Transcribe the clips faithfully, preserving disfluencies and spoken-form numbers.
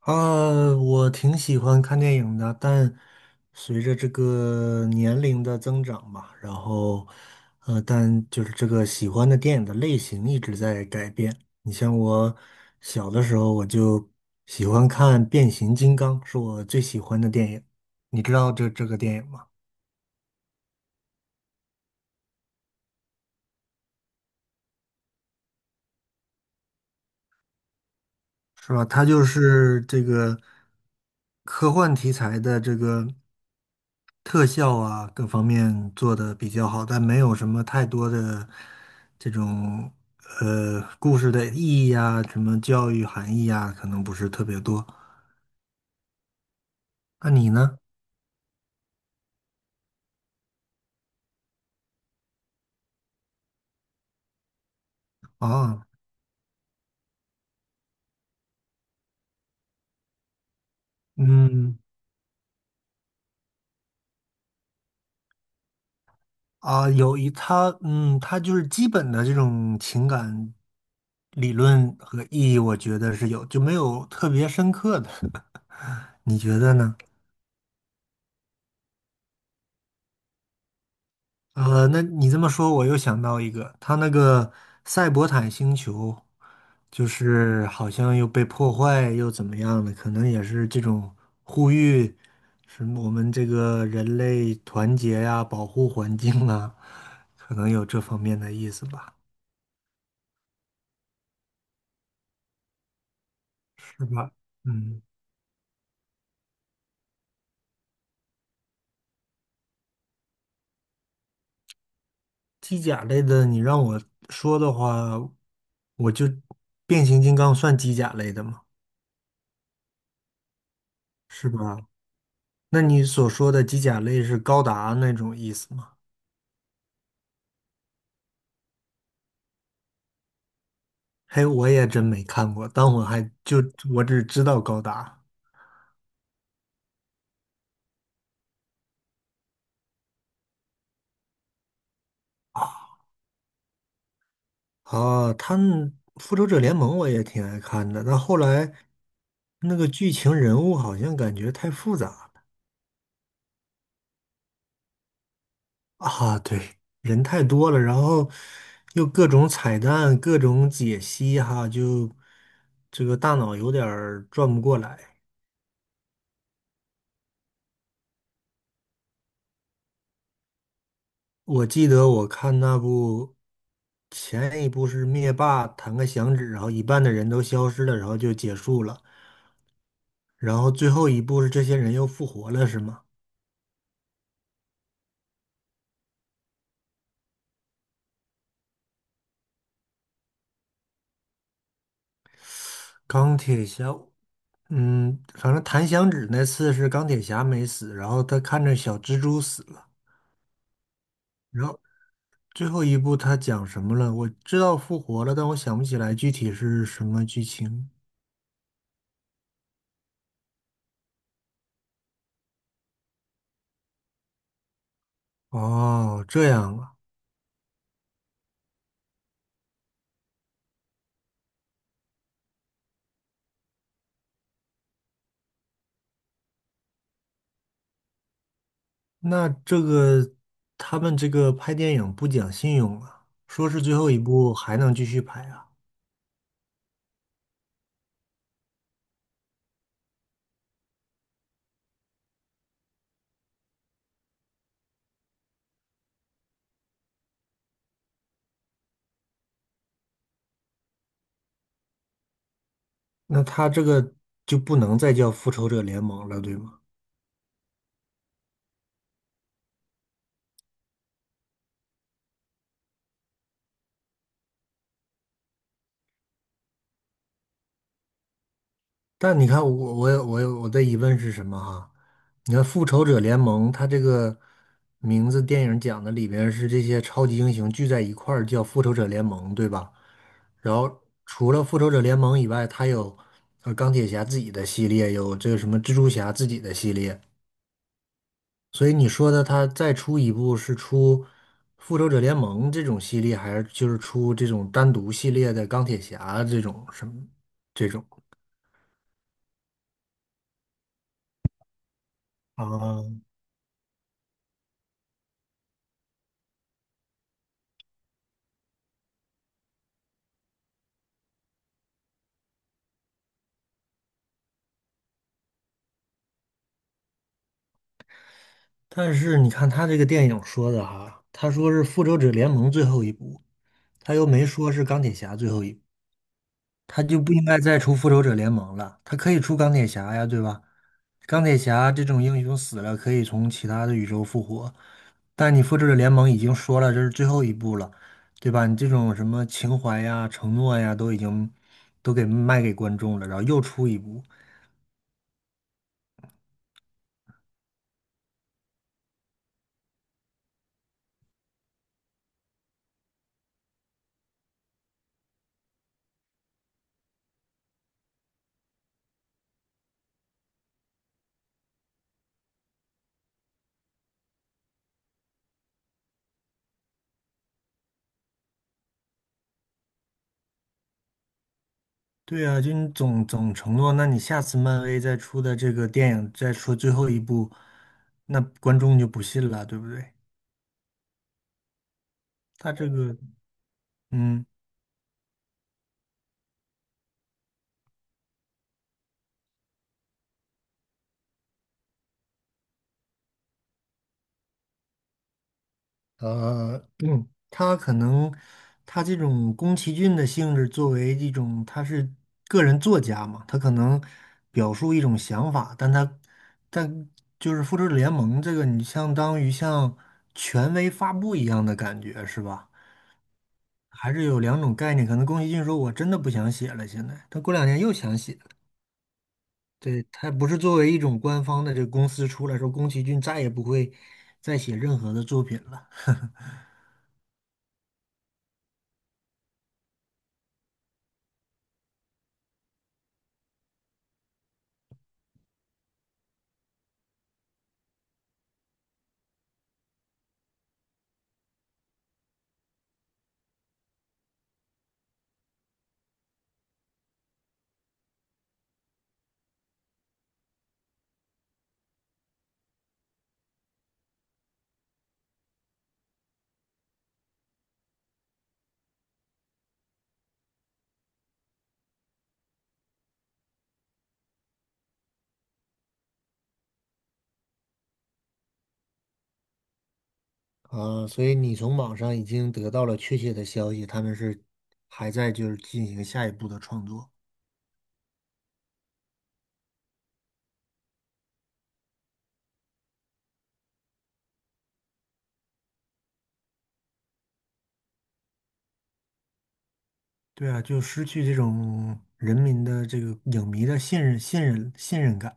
啊，我挺喜欢看电影的，但随着这个年龄的增长吧，然后，呃，但就是这个喜欢的电影的类型一直在改变。你像我小的时候，我就喜欢看《变形金刚》，是我最喜欢的电影。你知道这这个电影吗？是吧？它就是这个科幻题材的这个特效啊，各方面做的比较好，但没有什么太多的这种呃故事的意义啊，什么教育含义啊，可能不是特别多。那你呢？啊，嗯，啊，有一它，嗯，它就是基本的这种情感理论和意义，我觉得是有，就没有特别深刻的。你觉得呢？呃，那你这么说，我又想到一个，他那个赛博坦星球，就是好像又被破坏又怎么样的，可能也是这种呼吁，什么我们这个人类团结呀、保护环境啊，可能有这方面的意思吧，是吧？嗯，机甲类的，你让我说的话，我就变形金刚算机甲类的吗？是吧？那你所说的机甲类是高达那种意思吗？嘿，我也真没看过，但我还就我只知道高达啊。他们《复仇者联盟》我也挺爱看的，但后来那个剧情人物好像感觉太复杂了。啊，对，人太多了，然后又各种彩蛋、各种解析哈，就这个大脑有点儿转不过来。我记得我看那部前一部是灭霸弹个响指，然后一半的人都消失了，然后就结束了。然后最后一步是这些人又复活了，是吗？钢铁侠，嗯，反正弹响指那次是钢铁侠没死，然后他看着小蜘蛛死了，然后最后一步他讲什么了？我知道复活了，但我想不起来具体是什么剧情。哦，这样啊。那这个他们这个拍电影不讲信用啊，说是最后一部还能继续拍啊，那他这个就不能再叫复仇者联盟了，对吗？但你看我，我有我有我的疑问是什么哈？你看《复仇者联盟》，它这个名字电影讲的里边是这些超级英雄聚在一块儿叫复仇者联盟，对吧？然后除了复仇者联盟以外，它有呃钢铁侠自己的系列，有这个什么蜘蛛侠自己的系列。所以你说的它再出一部是出复仇者联盟这种系列，还是就是出这种单独系列的钢铁侠这种什么这种？啊，但是你看他这个电影说的哈，他说是《复仇者联盟》最后一部，他又没说是钢铁侠最后一部，他就不应该再出《复仇者联盟》了，他可以出钢铁侠呀，对吧？钢铁侠这种英雄死了可以从其他的宇宙复活，但你《复仇者联盟》已经说了这是最后一部了，对吧？你这种什么情怀呀、承诺呀，都已经都给卖给观众了，然后又出一部。对啊，就你总总承诺，那你下次漫威再出的这个电影再说最后一部，那观众就不信了，对不对？他这个，嗯，呃，嗯，他可能他这种宫崎骏的性质，作为一种他是个人作家嘛，他可能表述一种想法，但他但就是复仇者联盟这个，你相当于像权威发布一样的感觉，是吧？还是有两种概念，可能宫崎骏说我真的不想写了，现在他过两年又想写了。对，他不是作为一种官方的这个公司出来说，宫崎骏再也不会再写任何的作品了。呃，所以你从网上已经得到了确切的消息，他们是还在就是进行下一步的创作。对啊，就失去这种人民的这个影迷的信任、信任、信任感。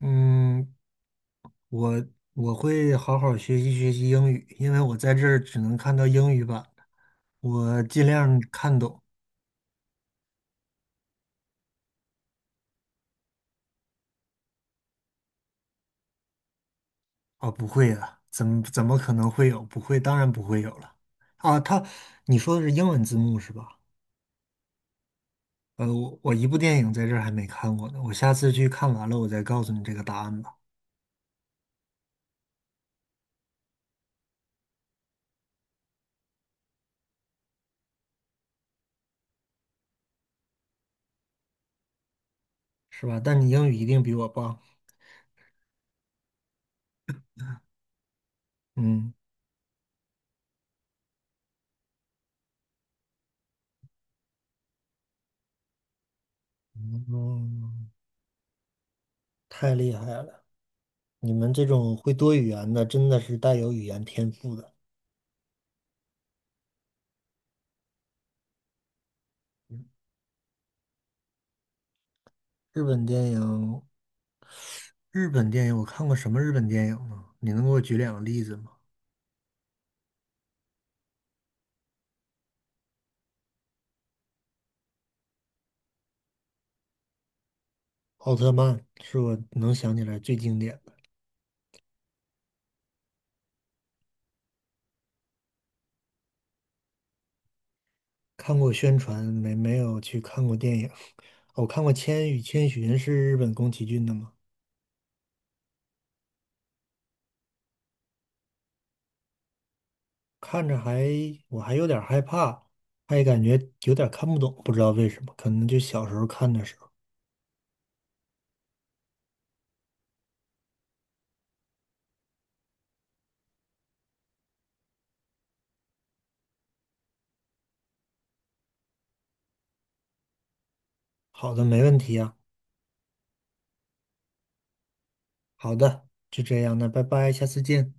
嗯，我我会好好学习学习英语，因为我在这儿只能看到英语版，我尽量看懂啊。不会啊，怎么怎么可能会有？不会，当然不会有了啊。他，你说的是英文字幕是吧？呃，我我一部电影在这儿还没看过呢，我下次去看完了我再告诉你这个答案吧。是吧？但你英语一定比我棒。嗯，嗯，太厉害了。你们这种会多语言的，真的是带有语言天赋的。日本电影日本电影我看过什么日本电影呢？你能给我举两个例子吗？奥特曼是我能想起来最经典的。看过宣传，没没有去看过电影。我看过《千与千寻》，是日本宫崎骏的吗？看着还我还有点害怕，还感觉有点看不懂，不知道为什么，可能就小时候看的时候。好的，没问题啊。好的，就这样，那拜拜，下次见。